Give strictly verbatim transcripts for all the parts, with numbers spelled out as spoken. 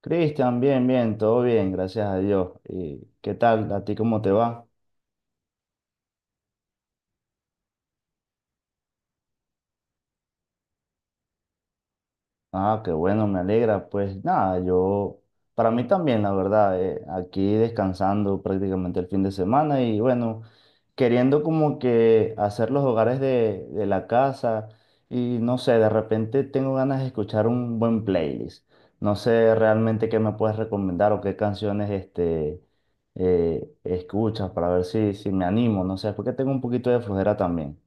Cristian, bien, bien, todo bien, gracias a Dios. ¿Y qué tal? ¿A ti cómo te va? Ah, qué bueno, me alegra. Pues nada, yo, para mí también, la verdad, eh, aquí descansando prácticamente el fin de semana y bueno, queriendo como que hacer los hogares de, de la casa y no sé, de repente tengo ganas de escuchar un buen playlist. No sé realmente qué me puedes recomendar o qué canciones este, eh, escuchas para ver si, si me animo, no sé, porque tengo un poquito de flojera también.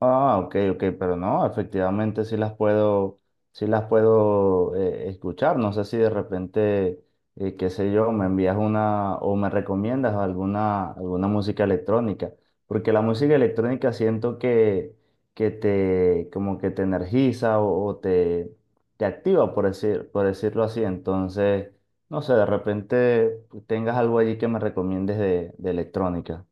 Ah, ok, ok, pero no, efectivamente sí las puedo, sí las puedo eh, escuchar. No sé si de repente, eh, qué sé yo, me envías una o me recomiendas alguna, alguna música electrónica, porque la música electrónica siento que, que te, como que te energiza o, o te, te activa, por decir, por decirlo así. Entonces, no sé, de repente tengas algo allí que me recomiendes de, de electrónica.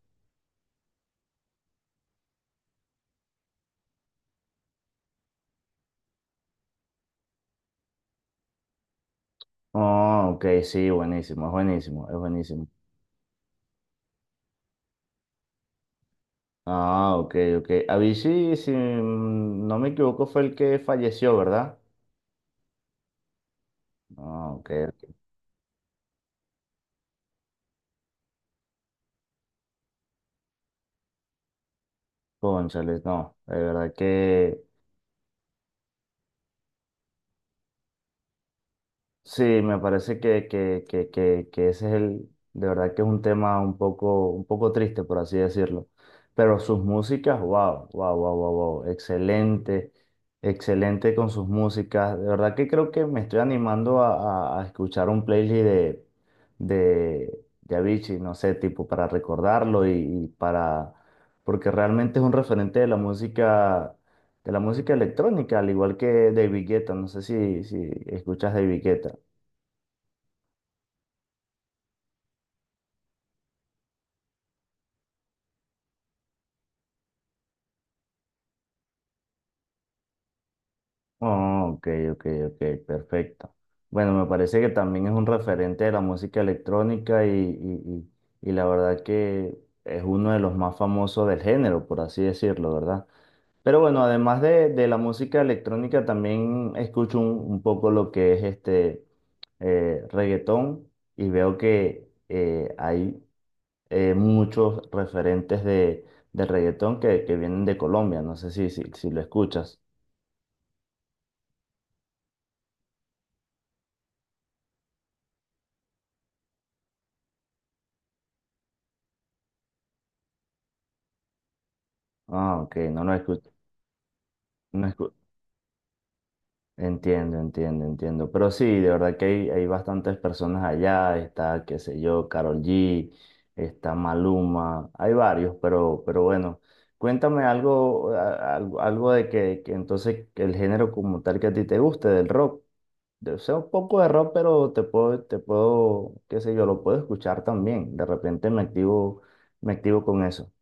Oh, ok, sí, buenísimo, es buenísimo, es buenísimo. Ah, ok, ok. Avicii, si no me equivoco, fue el que falleció, ¿verdad? Ah, ok, ok. Cónchales, no. De verdad que sí, me parece que, que, que, que, que ese es el, de verdad que es un tema un poco, un poco triste, por así decirlo. Pero sus músicas, wow, wow, wow, wow, wow, excelente, excelente con sus músicas. De verdad que creo que me estoy animando a, a- a escuchar un playlist de, de, de Avicii, no sé, tipo para recordarlo y, y para, porque realmente es un referente de la música, de la música electrónica, al igual que David Guetta, no sé si, si escuchas David Guetta. Oh, ok, ok, ok, perfecto. Bueno, me parece que también es un referente de la música electrónica y, y, y- y la verdad que es uno de los más famosos del género, por así decirlo, ¿verdad? Pero bueno, además de, de la música electrónica, también escucho un, un poco lo que es este eh, reggaetón y veo que eh, hay eh, muchos referentes de, de reggaetón que, que vienen de Colombia. No sé si, si, si lo escuchas. Ah, ok, no lo escucho. Entiendo, entiendo, entiendo. Pero sí, de verdad que hay, hay bastantes personas allá. Está, qué sé yo, Karol G, está Maluma, hay varios, pero, pero bueno, cuéntame algo, a- algo, algo de que, que entonces que el género como tal que a ti te guste, del rock. De- O sea, un poco de rock, pero te puedo, te puedo, qué sé yo, lo puedo escuchar también. De repente me activo, me activo con eso.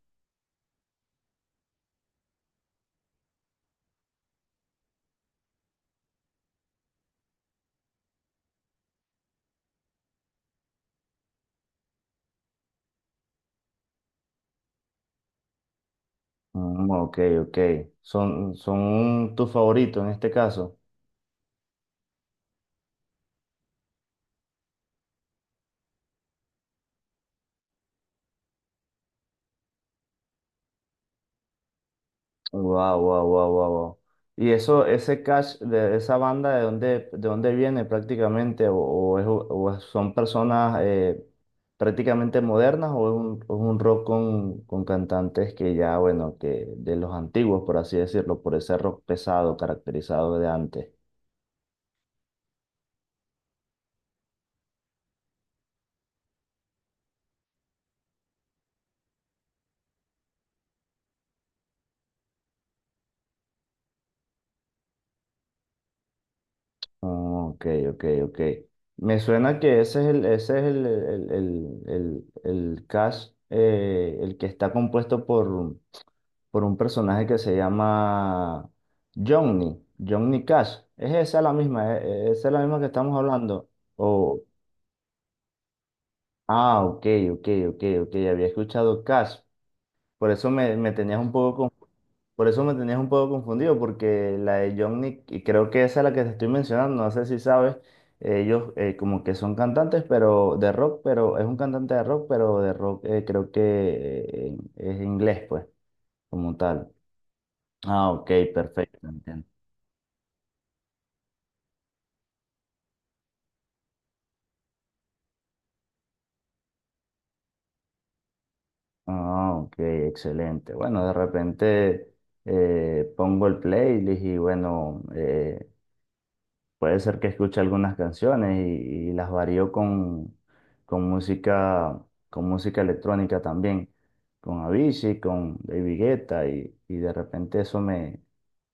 Mm, ok, ok. Son, son tus favoritos en este caso. Wow, wow, wow, wow, wow. Y eso, ese cash de esa banda, ¿de dónde, de dónde viene prácticamente? ¿O, o es- o es- son personas eh, prácticamente modernas o es un, o es un rock con, con cantantes que ya, bueno, que de los antiguos, por así decirlo, por ese rock pesado caracterizado de antes? Oh, ok, ok, ok. Me suena que ese es el, ese es el, el, el, el, el- el cash, eh, el que está compuesto por, por un personaje que se llama Johnny, Johnny Cash. ¿Es esa la misma? ¿E- ¿Esa es la misma que estamos hablando? O, ah, ok, ok, ok, ok, había escuchado Cash. Por eso me, me tenías un poco con- por eso me tenías un poco confundido, porque la de Johnny, y creo que esa es la que te estoy mencionando, no sé si sabes, ellos eh, como que son cantantes, pero de rock, pero es un cantante de rock, pero de rock eh, creo que eh, es inglés, pues, como tal. Ah, ok, perfecto, entiendo. Ah, ok, excelente. Bueno, de repente eh, pongo el playlist y bueno, eh, puede ser que escuche algunas canciones y, y las varío con, con música, con música electrónica también, con Avicii, con David Guetta y, y de repente eso me,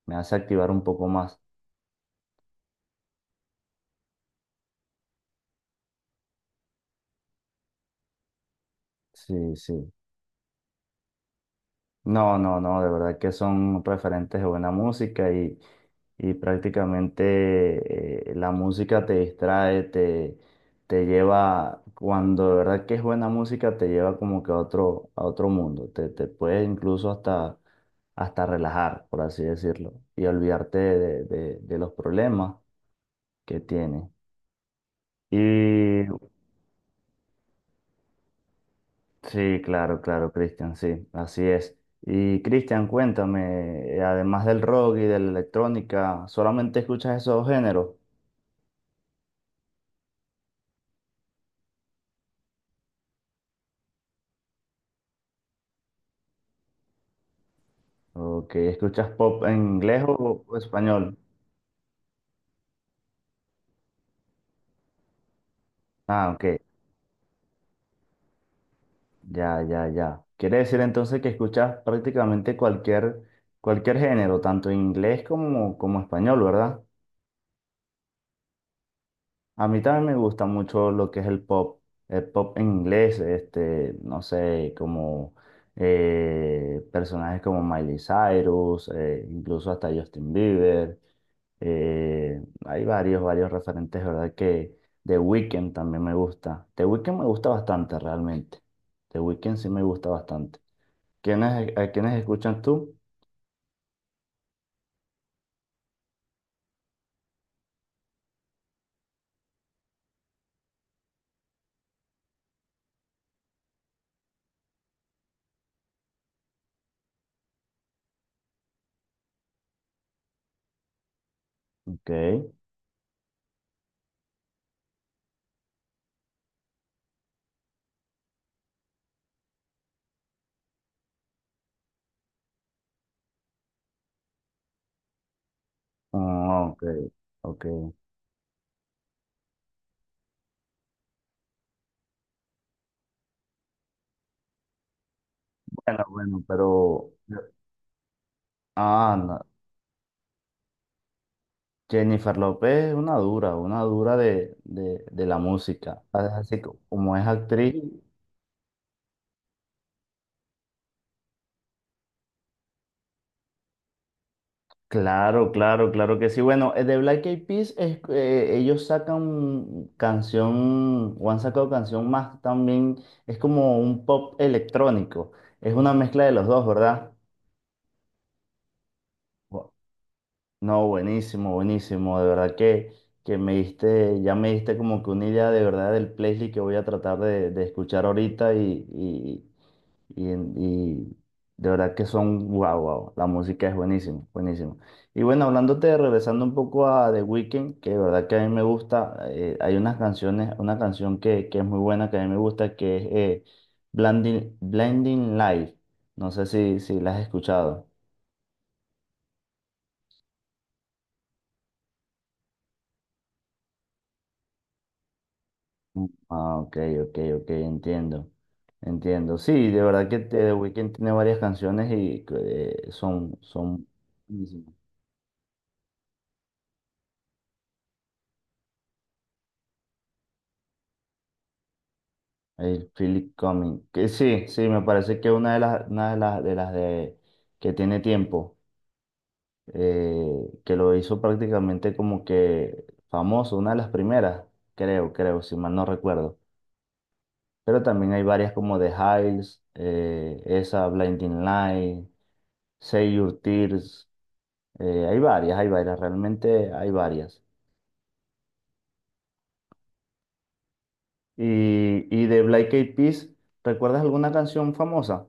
me hace activar un poco más. Sí, sí. No, no, no, de verdad que son referentes de buena música y, y prácticamente eh, la música te distrae, te, te lleva, cuando de verdad que es buena música, te lleva como que a otro, a otro mundo, te, te puede incluso hasta, hasta relajar, por así decirlo, y olvidarte de, de- de los problemas que tienes. Y sí, claro, claro, Cristian, sí, así es. Y Cristian, cuéntame, eh, además del rock y de la electrónica, ¿solamente escuchas esos géneros? ¿O que escuchas pop en inglés o, o español? Ah, ok, ya, ya, ya. Quiere decir entonces que escuchas prácticamente cualquier, cualquier género, tanto en inglés como, como español, ¿verdad? A mí también me gusta mucho lo que es el pop, el pop en inglés, este, no sé, como eh, personajes como Miley Cyrus, eh, incluso hasta Justin Bieber. eh, Hay varios, varios referentes, ¿verdad? Que The Weeknd también me gusta. The Weeknd me gusta bastante, realmente. The Weeknd sí me gusta bastante. ¿Quiénes, a quiénes escuchas tú? Ok, ah, ok, ok. Bueno, bueno, pero... Ah, no, Jennifer López es una dura, una dura de, de, de la música. Así co- como es actriz, claro, claro, claro que sí. Bueno, eh, de Black Eyed Peas, es- eh, ellos sacan canción, o han sacado canción más también, es como un pop electrónico. Es una mezcla de los dos, ¿verdad? Bu- No, buenísimo, buenísimo. De verdad que, que me diste, ya me diste como que una idea de verdad del playlist que voy a tratar de, de escuchar ahorita y, Y, en- y de verdad que son, wow, wow, la música es buenísima, buenísima. Y bueno, hablándote, regresando un poco a The Weeknd, que de verdad que a mí me gusta, eh, hay unas canciones, una canción que, que es muy buena, que a mí me gusta, que es eh, Blinding, Blinding Light. No sé si, si la has escuchado. Mm. Ah, ok, ok, ok, entiendo. Entiendo. Sí, de verdad que The Weeknd tiene varias canciones y eh, son, son buenísimas. El Philip Cumming. Que sí, sí, me parece que una de las, una de las, de las de que tiene tiempo, eh, que lo hizo prácticamente como que famoso, una de las primeras, creo, creo, si mal no recuerdo. Pero también hay varias como The Hills, eh, esa, Blinding Light, Save Your Tears, eh, hay varias, hay varias, realmente hay varias. Y, y de Black Eyed Peas, ¿recuerdas alguna canción famosa?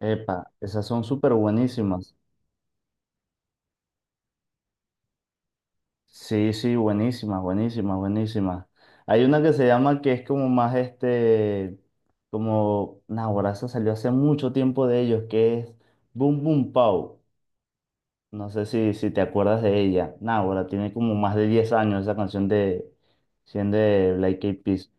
Epa, esas son súper buenísimas. Sí, sí, buenísimas, buenísimas, buenísimas. Hay una que se llama que es como más este, como, nah, esa salió hace mucho tiempo de ellos, que es Boom Boom Pow. No sé si, si te acuerdas de ella. Nah, ahora tiene como más de diez años esa canción de, siendo de Black Eyed Peas.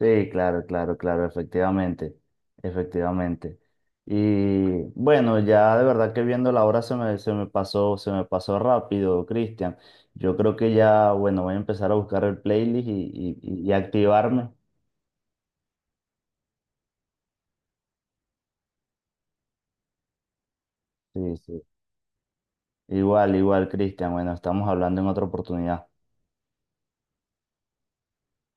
Sí, claro, claro, claro, efectivamente, efectivamente. Y bueno, ya de verdad que viendo la hora se me, se me pasó, se me pasó rápido, Cristian. Yo creo que ya, bueno, voy a empezar a buscar el playlist y, y, y activarme. Sí, sí. Igual, igual, Cristian. Bueno, estamos hablando en otra oportunidad.